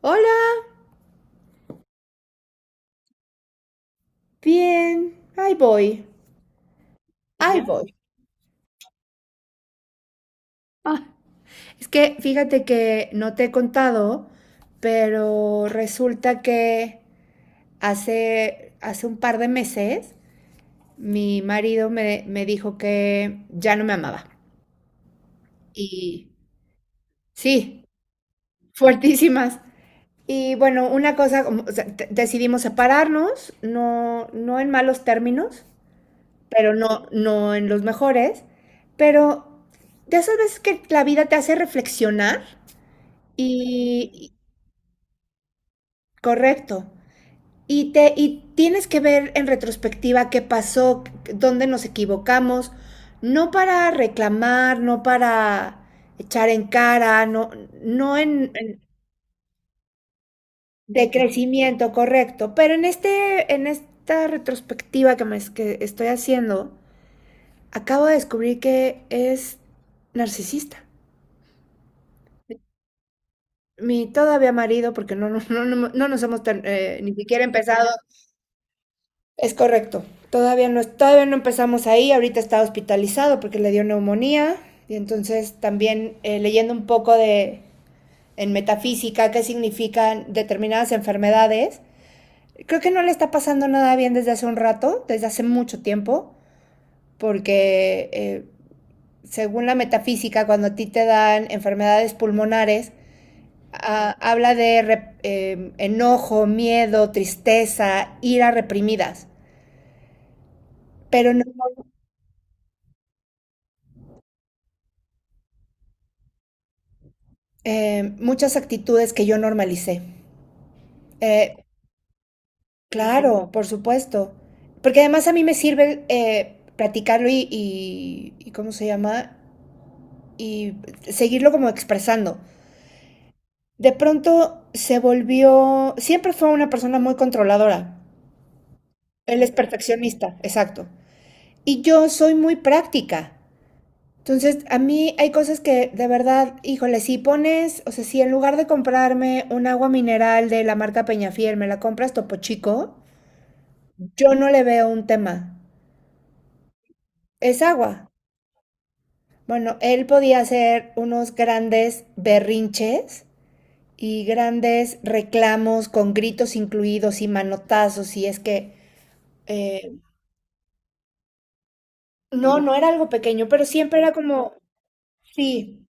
Hola, bien, ahí voy, ahí bien voy. Es que fíjate que no te he contado, pero resulta que hace un par de meses mi marido me dijo que ya no me amaba. Y sí, fuertísimas. Y bueno, una cosa, como, o sea, decidimos separarnos, no en malos términos, pero no en los mejores. Pero de esas veces que la vida te hace reflexionar y, y- correcto. Y tienes que ver en retrospectiva qué pasó, dónde nos equivocamos, no para reclamar, no para echar en cara, no, no en, en- de crecimiento, correcto. Pero en en esta retrospectiva que que estoy haciendo, acabo de descubrir que es narcisista. Mi todavía marido, porque no nos hemos ni siquiera empezado. Es correcto. Todavía no, todavía no empezamos ahí. Ahorita está hospitalizado porque le dio neumonía. Y entonces también leyendo un poco de en metafísica qué significan determinadas enfermedades. Creo que no le está pasando nada bien desde hace un rato, desde hace mucho tiempo, porque según la metafísica, cuando a ti te dan enfermedades pulmonares, ah, habla de enojo, miedo, tristeza, ira reprimidas, pero no, muchas actitudes que yo normalicé. Eh, claro, por supuesto, porque además a mí me sirve platicarlo y ¿cómo se llama? Y seguirlo como expresando. De pronto se volvió, siempre fue una persona muy controladora. Él es perfeccionista, exacto. Y yo soy muy práctica. Entonces, a mí hay cosas que de verdad, híjole, si pones, o sea, si en lugar de comprarme un agua mineral de la marca Peñafiel, me la compras Topo Chico, yo no le veo un tema. Es agua. Bueno, él podía hacer unos grandes berrinches y grandes reclamos con gritos incluidos y manotazos, y es que, eh, no, no era algo pequeño, pero siempre era como, sí.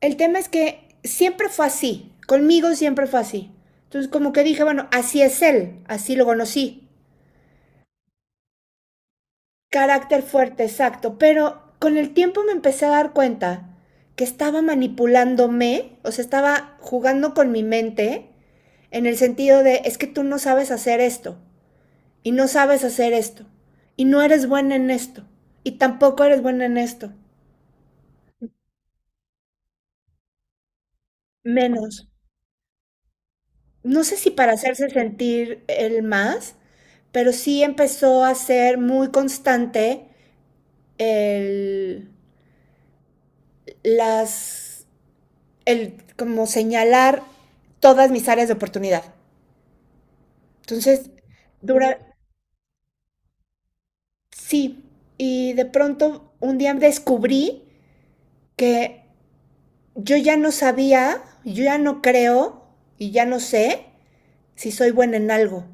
El tema es que siempre fue así, conmigo siempre fue así. Entonces como que dije, bueno, así es él, así lo conocí. Carácter fuerte, exacto, pero con el tiempo me empecé a dar cuenta que estaba manipulándome, o sea, estaba jugando con mi mente en el sentido de, es que tú no sabes hacer esto, y no sabes hacer esto, y no eres buena en esto, y tampoco eres buena en esto, menos. No sé si para hacerse sentir el más, pero sí empezó a ser muy constante el, las, el como señalar todas mis áreas de oportunidad. Entonces, dura, sí, y de pronto un día descubrí que yo ya no sabía, yo ya no creo y ya no sé si soy buena en algo.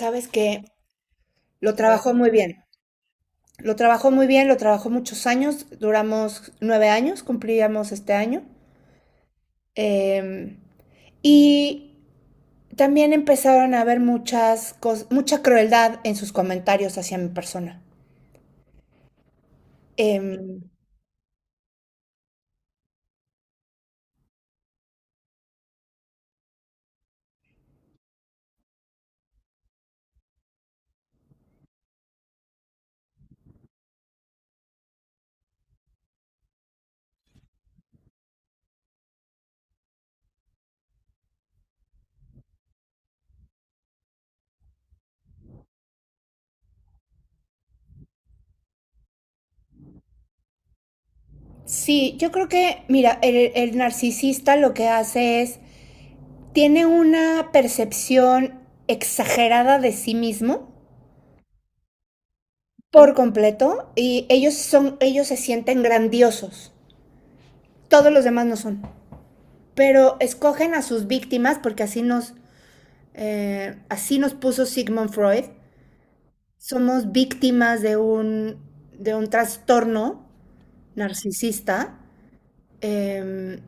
Sabes que lo trabajó muy bien. Lo trabajó muy bien, lo trabajó muchos años, duramos 9 años, cumplíamos este año. Eh, y también empezaron a haber muchas mucha crueldad en sus comentarios hacia mi persona. Em, sí, yo creo que, mira, el narcisista lo que hace es, tiene una percepción exagerada de sí mismo por completo y ellos ellos se sienten grandiosos. Todos los demás no son. Pero escogen a sus víctimas porque así nos puso Sigmund Freud. Somos víctimas de de un trastorno narcisista. eh,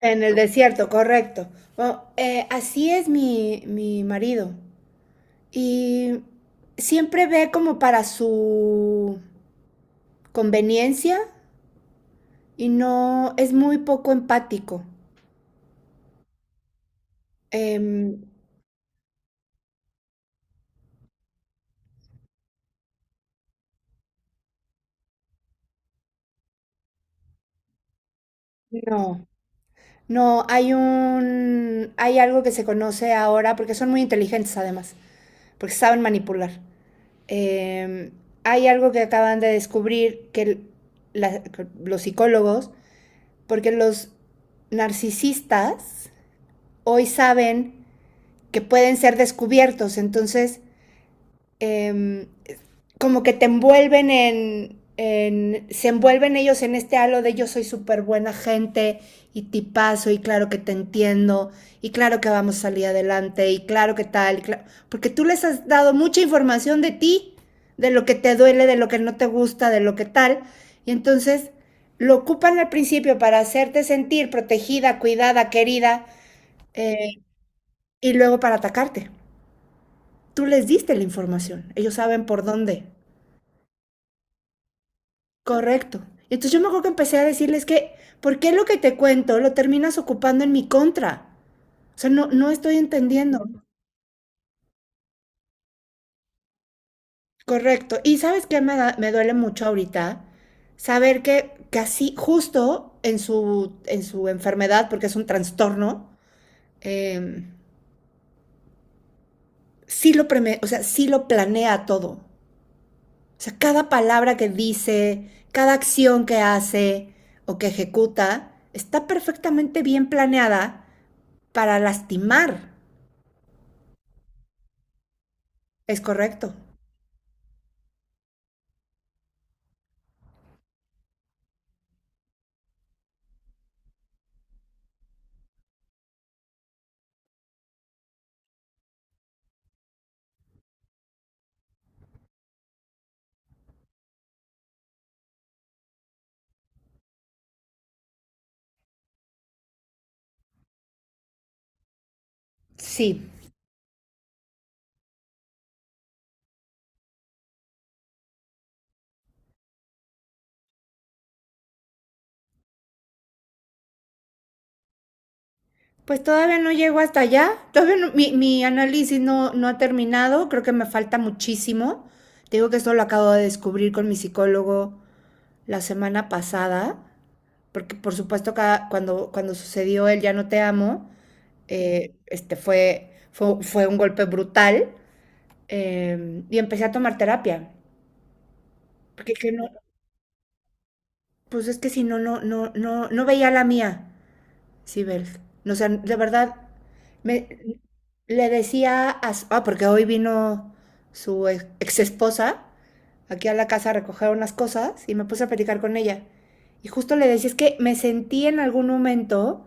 en el desierto, correcto. Bueno, así es mi marido. Y siempre ve como para su conveniencia y no es muy poco empático. Eh, no, No, hay un, hay algo que se conoce ahora, porque son muy inteligentes además, porque saben manipular. Eh, Hay algo que acaban de descubrir que que los psicólogos, porque los narcisistas hoy saben que pueden ser descubiertos, entonces eh, como que te envuelven se envuelven ellos en este halo de yo soy súper buena gente y tipazo y claro que te entiendo y claro que vamos a salir adelante y claro que tal, y claro, porque tú les has dado mucha información de ti, de lo que te duele, de lo que no te gusta, de lo que tal, y entonces lo ocupan al principio para hacerte sentir protegida, cuidada, querida, eh, y luego para atacarte. Tú les diste la información, ellos saben por dónde. Correcto. Y entonces yo me acuerdo que empecé a decirles que, ¿por qué lo que te cuento lo terminas ocupando en mi contra? O sea, no, no estoy entendiendo. Correcto. Y sabes qué me, me duele mucho ahorita saber que casi justo en su enfermedad, porque es un trastorno, eh, sí lo o sea, sí lo planea todo. O sea, cada palabra que dice, cada acción que hace o que ejecuta, está perfectamente bien planeada para lastimar. Es correcto. Sí. Pues todavía no llego hasta allá. Todavía no- mi análisis no, no ha terminado. Creo que me falta muchísimo. Te digo que esto lo acabo de descubrir con mi psicólogo la semana pasada. Porque, por supuesto, cuando, cuando sucedió el ya no te amo, este fue un golpe brutal. Y empecé a tomar terapia. Porque que no, pues es que si no, no veía la mía. Sí, Bel. O sea, de verdad, me, le decía a... porque hoy vino su ex esposa aquí a la casa a recoger unas cosas y me puse a platicar con ella. Y justo le decía, es que me sentí en algún momento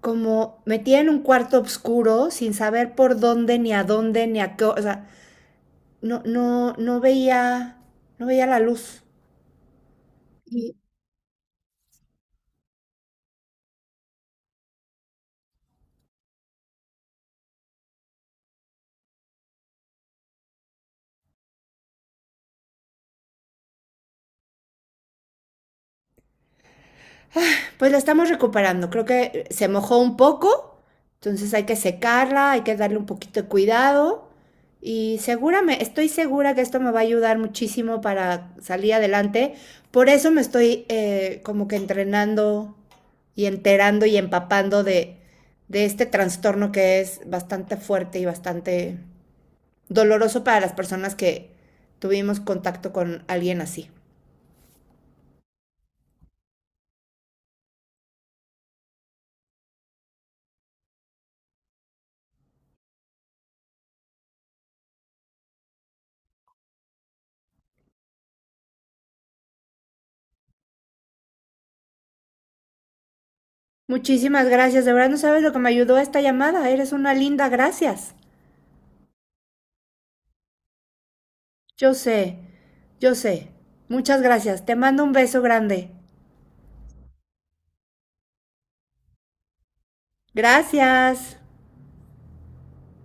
como metida en un cuarto oscuro sin saber por dónde, ni a qué... O sea, no veía, no veía la luz. Pues la estamos recuperando. Creo que se mojó un poco, entonces hay que secarla, hay que darle un poquito de cuidado. Y seguramente, estoy segura que esto me va a ayudar muchísimo para salir adelante. Por eso me estoy como que entrenando y enterando y empapando de este trastorno que es bastante fuerte y bastante doloroso para las personas que tuvimos contacto con alguien así. Muchísimas gracias, de verdad no sabes lo que me ayudó esta llamada, eres una linda, gracias. Yo sé, yo sé. Muchas gracias, te mando un beso grande. Gracias.